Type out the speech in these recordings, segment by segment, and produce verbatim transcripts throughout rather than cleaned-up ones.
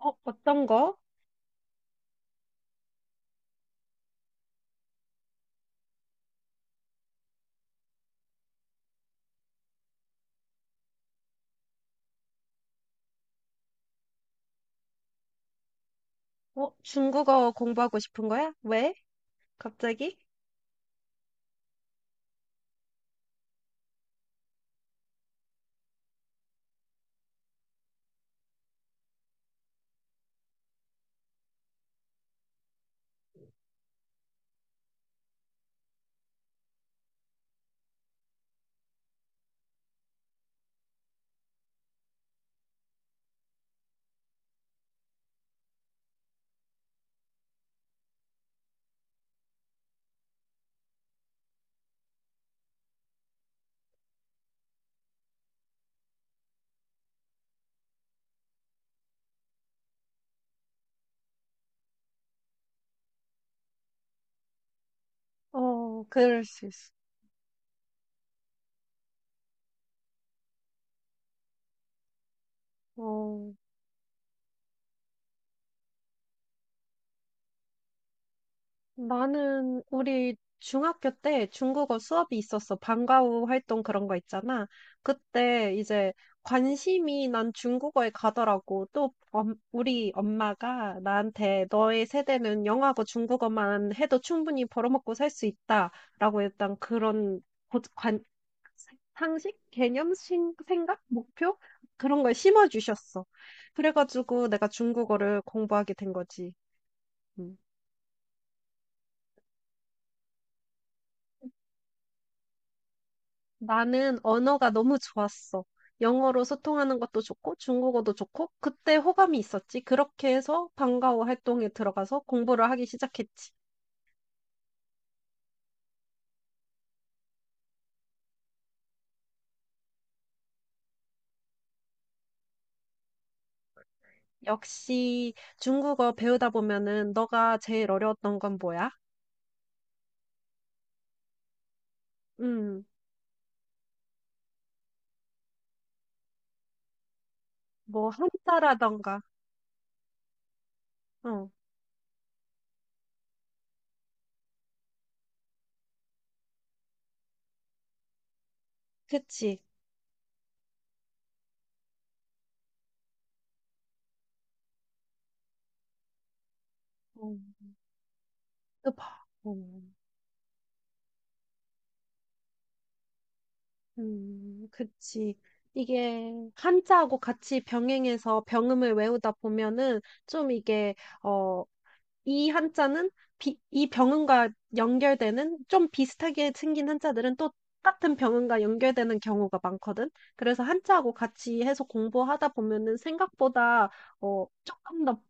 어, 어떤 거? 어, 중국어 공부하고 싶은 거야? 왜? 갑자기? 어, 그럴 수 있어. 어, 나는 우리 중학교 때 중국어 수업이 있었어. 방과후 활동 그런 거 있잖아. 그때 이제 관심이 난 중국어에 가더라고. 또 엄- 우리 엄마가 나한테 너의 세대는 영어하고 중국어만 해도 충분히 벌어먹고 살 수 있다라고 일단 그런 고- 관, 상식, 개념, 신- 생각, 목표 그런 걸 심어주셨어. 그래가지고 내가 중국어를 공부하게 된 거지. 음. 나는 언어가 너무 좋았어. 영어로 소통하는 것도 좋고 중국어도 좋고 그때 호감이 있었지. 그렇게 해서 방과후 활동에 들어가서 공부를 하기 시작했지. 역시 중국어 배우다 보면은 너가 제일 어려웠던 건 뭐야? 음, 뭐 한자라던가. 어, 그치. 음, 그 봐. 음. 음, 그치. 이게 한자하고 같이 병행해서 병음을 외우다 보면은 좀 이게, 어, 이 한자는 비, 이 병음과 연결되는 좀 비슷하게 생긴 한자들은 또 같은 병음과 연결되는 경우가 많거든. 그래서 한자하고 같이 해서 공부하다 보면은 생각보다, 어, 조금 더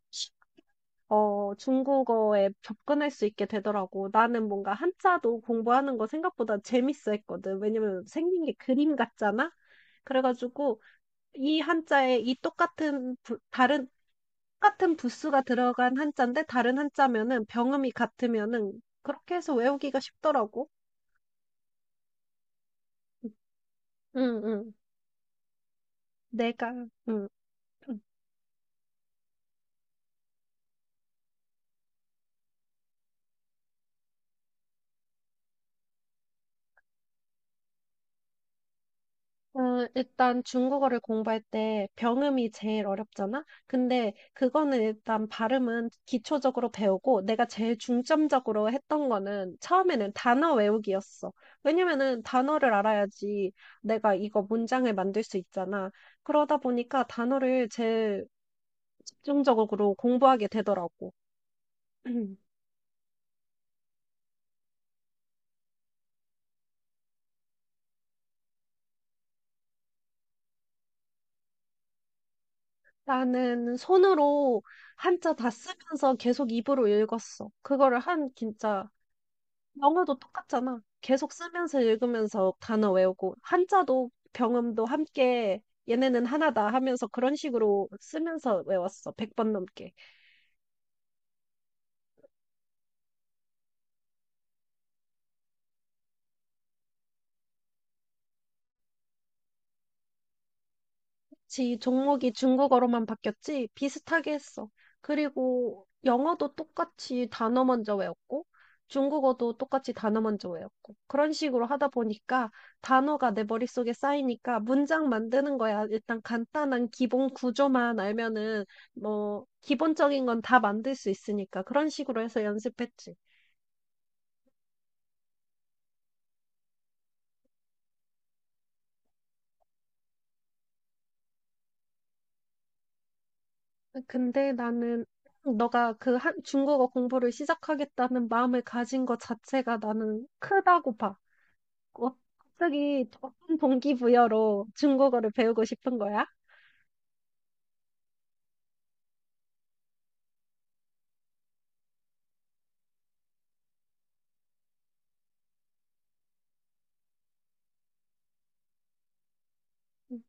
어, 중국어에 접근할 수 있게 되더라고. 나는 뭔가 한자도 공부하는 거 생각보다 재밌어 했거든. 왜냐면 생긴 게 그림 같잖아? 그래가지고 이 한자에 이 똑같은, 부- 다른, 똑같은 부수가 들어간 한자인데 다른 한자면은 병음이 같으면은 그렇게 해서 외우기가 쉽더라고. 응, 응. 내가, 응. 어, 일단 중국어를 공부할 때 병음이 제일 어렵잖아? 근데 그거는 일단 발음은 기초적으로 배우고 내가 제일 중점적으로 했던 거는 처음에는 단어 외우기였어. 왜냐면은 단어를 알아야지 내가 이거 문장을 만들 수 있잖아. 그러다 보니까 단어를 제일 집중적으로 공부하게 되더라고. 나는 손으로 한자 다 쓰면서 계속 입으로 읽었어. 그거를 한 진짜 영어도 똑같잖아. 계속 쓰면서 읽으면서 단어 외우고, 한자도 병음도 함께 얘네는 하나다 하면서 그런 식으로 쓰면서 외웠어. 백 번 넘게. 지 종목이 중국어로만 바뀌었지 비슷하게 했어. 그리고 영어도 똑같이 단어 먼저 외웠고 중국어도 똑같이 단어 먼저 외웠고 그런 식으로 하다 보니까 단어가 내 머릿속에 쌓이니까 문장 만드는 거야. 일단 간단한 기본 구조만 알면은 뭐 기본적인 건 다 만들 수 있으니까 그런 식으로 해서 연습했지. 근데 나는 너가 그 한, 중국어 공부를 시작하겠다는 마음을 가진 것 자체가 나는 크다고 봐. 어, 갑자기 어떤 동기부여로 중국어를 배우고 싶은 거야? 음,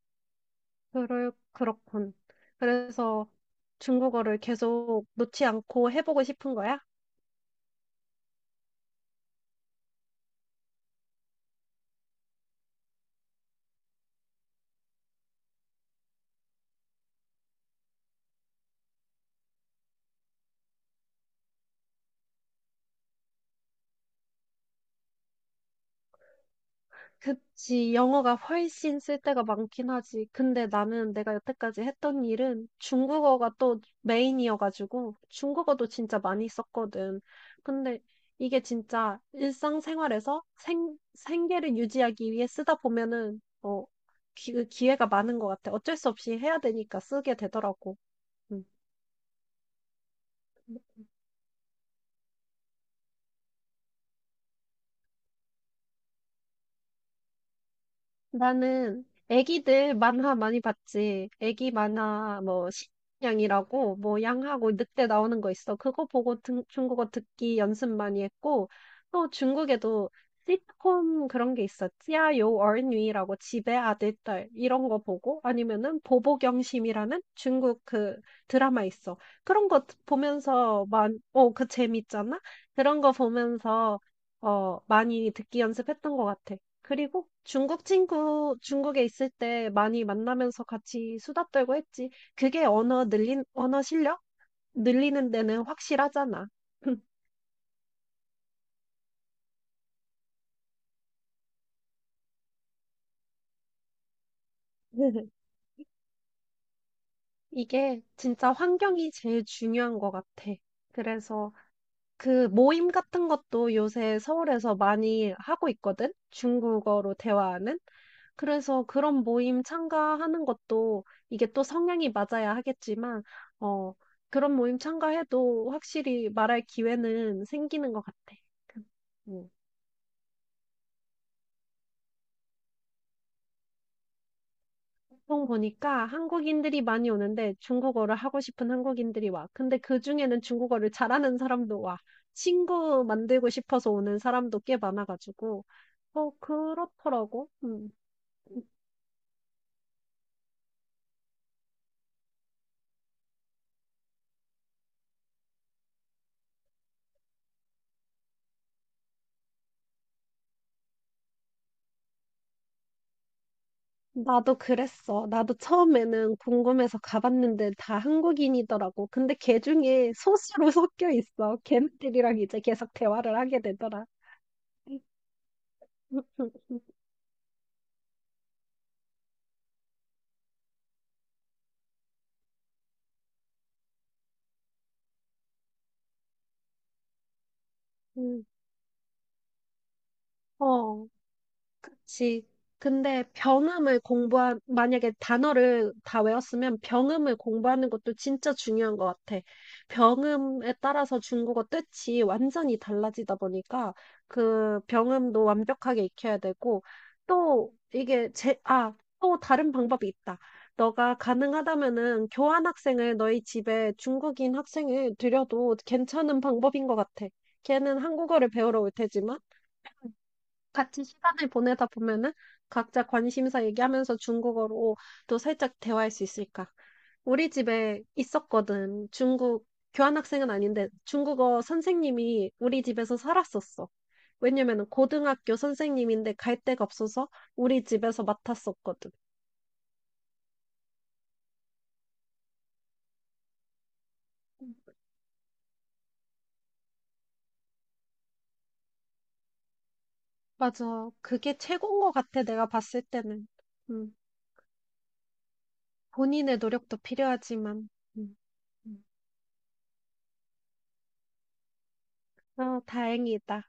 그럴, 그렇군. 그래서 중국어를 계속 놓지 않고 해보고 싶은 거야? 그치, 영어가 훨씬 쓸 때가 많긴 하지. 근데 나는 내가 여태까지 했던 일은 중국어가 또 메인이어가지고 중국어도 진짜 많이 썼거든. 근데 이게 진짜 일상생활에서 생, 생계를 유지하기 위해 쓰다 보면은, 어, 기, 그 기회가 많은 것 같아. 어쩔 수 없이 해야 되니까 쓰게 되더라고. 응. 나는 애기들 만화 많이 봤지. 애기 만화 뭐 신양이라고 뭐 양하고 늑대 나오는 거 있어. 그거 보고 등- 중국어 듣기 연습 많이 했고 또 중국에도 시트콤 그런 게 있어. 찌아요 어린이라고 집에 아들 딸 이런 거 보고 아니면은 보보경심이라는 중국 그 드라마 있어. 그런 거 보면서 만어그 재밌잖아. 그런 거 보면서 어 많이 듣기 연습했던 것 같아. 그리고 중국 친구, 중국에 있을 때 많이 만나면서 같이 수다 떨고 했지. 그게 언어 늘린, 언어 실력? 늘리는 데는 확실하잖아. 이게 진짜 환경이 제일 중요한 것 같아. 그래서 그 모임 같은 것도 요새 서울에서 많이 하고 있거든? 중국어로 대화하는? 그래서 그런 모임 참가하는 것도 이게 또 성향이 맞아야 하겠지만, 어, 그런 모임 참가해도 확실히 말할 기회는 생기는 것 같아. 그, 음. 보통 보니까 한국인들이 많이 오는데 중국어를 하고 싶은 한국인들이 와. 근데 그 중에는 중국어를 잘하는 사람도 와. 친구 만들고 싶어서 오는 사람도 꽤 많아가지고. 어, 그렇더라고. 음. 나도 그랬어. 나도 처음에는 궁금해서 가봤는데 다 한국인이더라고. 근데 걔 중에 소수로 섞여 있어. 걔네들이랑 이제 계속 대화를 하게 되더라. 어, 그치. 근데 병음을 공부한, 만약에 단어를 다 외웠으면 병음을 공부하는 것도 진짜 중요한 것 같아. 병음에 따라서 중국어 뜻이 완전히 달라지다 보니까 그 병음도 완벽하게 익혀야 되고 또 이게 제, 아, 또 다른 방법이 있다. 너가 가능하다면은 교환학생을 너희 집에 중국인 학생을 들여도 괜찮은 방법인 것 같아. 걔는 한국어를 배우러 올 테지만 같이 시간을 보내다 보면은 각자 관심사 얘기하면서 중국어로 또 살짝 대화할 수 있을까? 우리 집에 있었거든. 중국 교환학생은 아닌데 중국어 선생님이 우리 집에서 살았었어. 왜냐면은 고등학교 선생님인데 갈 데가 없어서 우리 집에서 맡았었거든. 맞아. 그게 최고인 것 같아. 내가 봤을 때는. 음, 본인의 노력도 필요하지만. 음. 음. 어, 다행이다.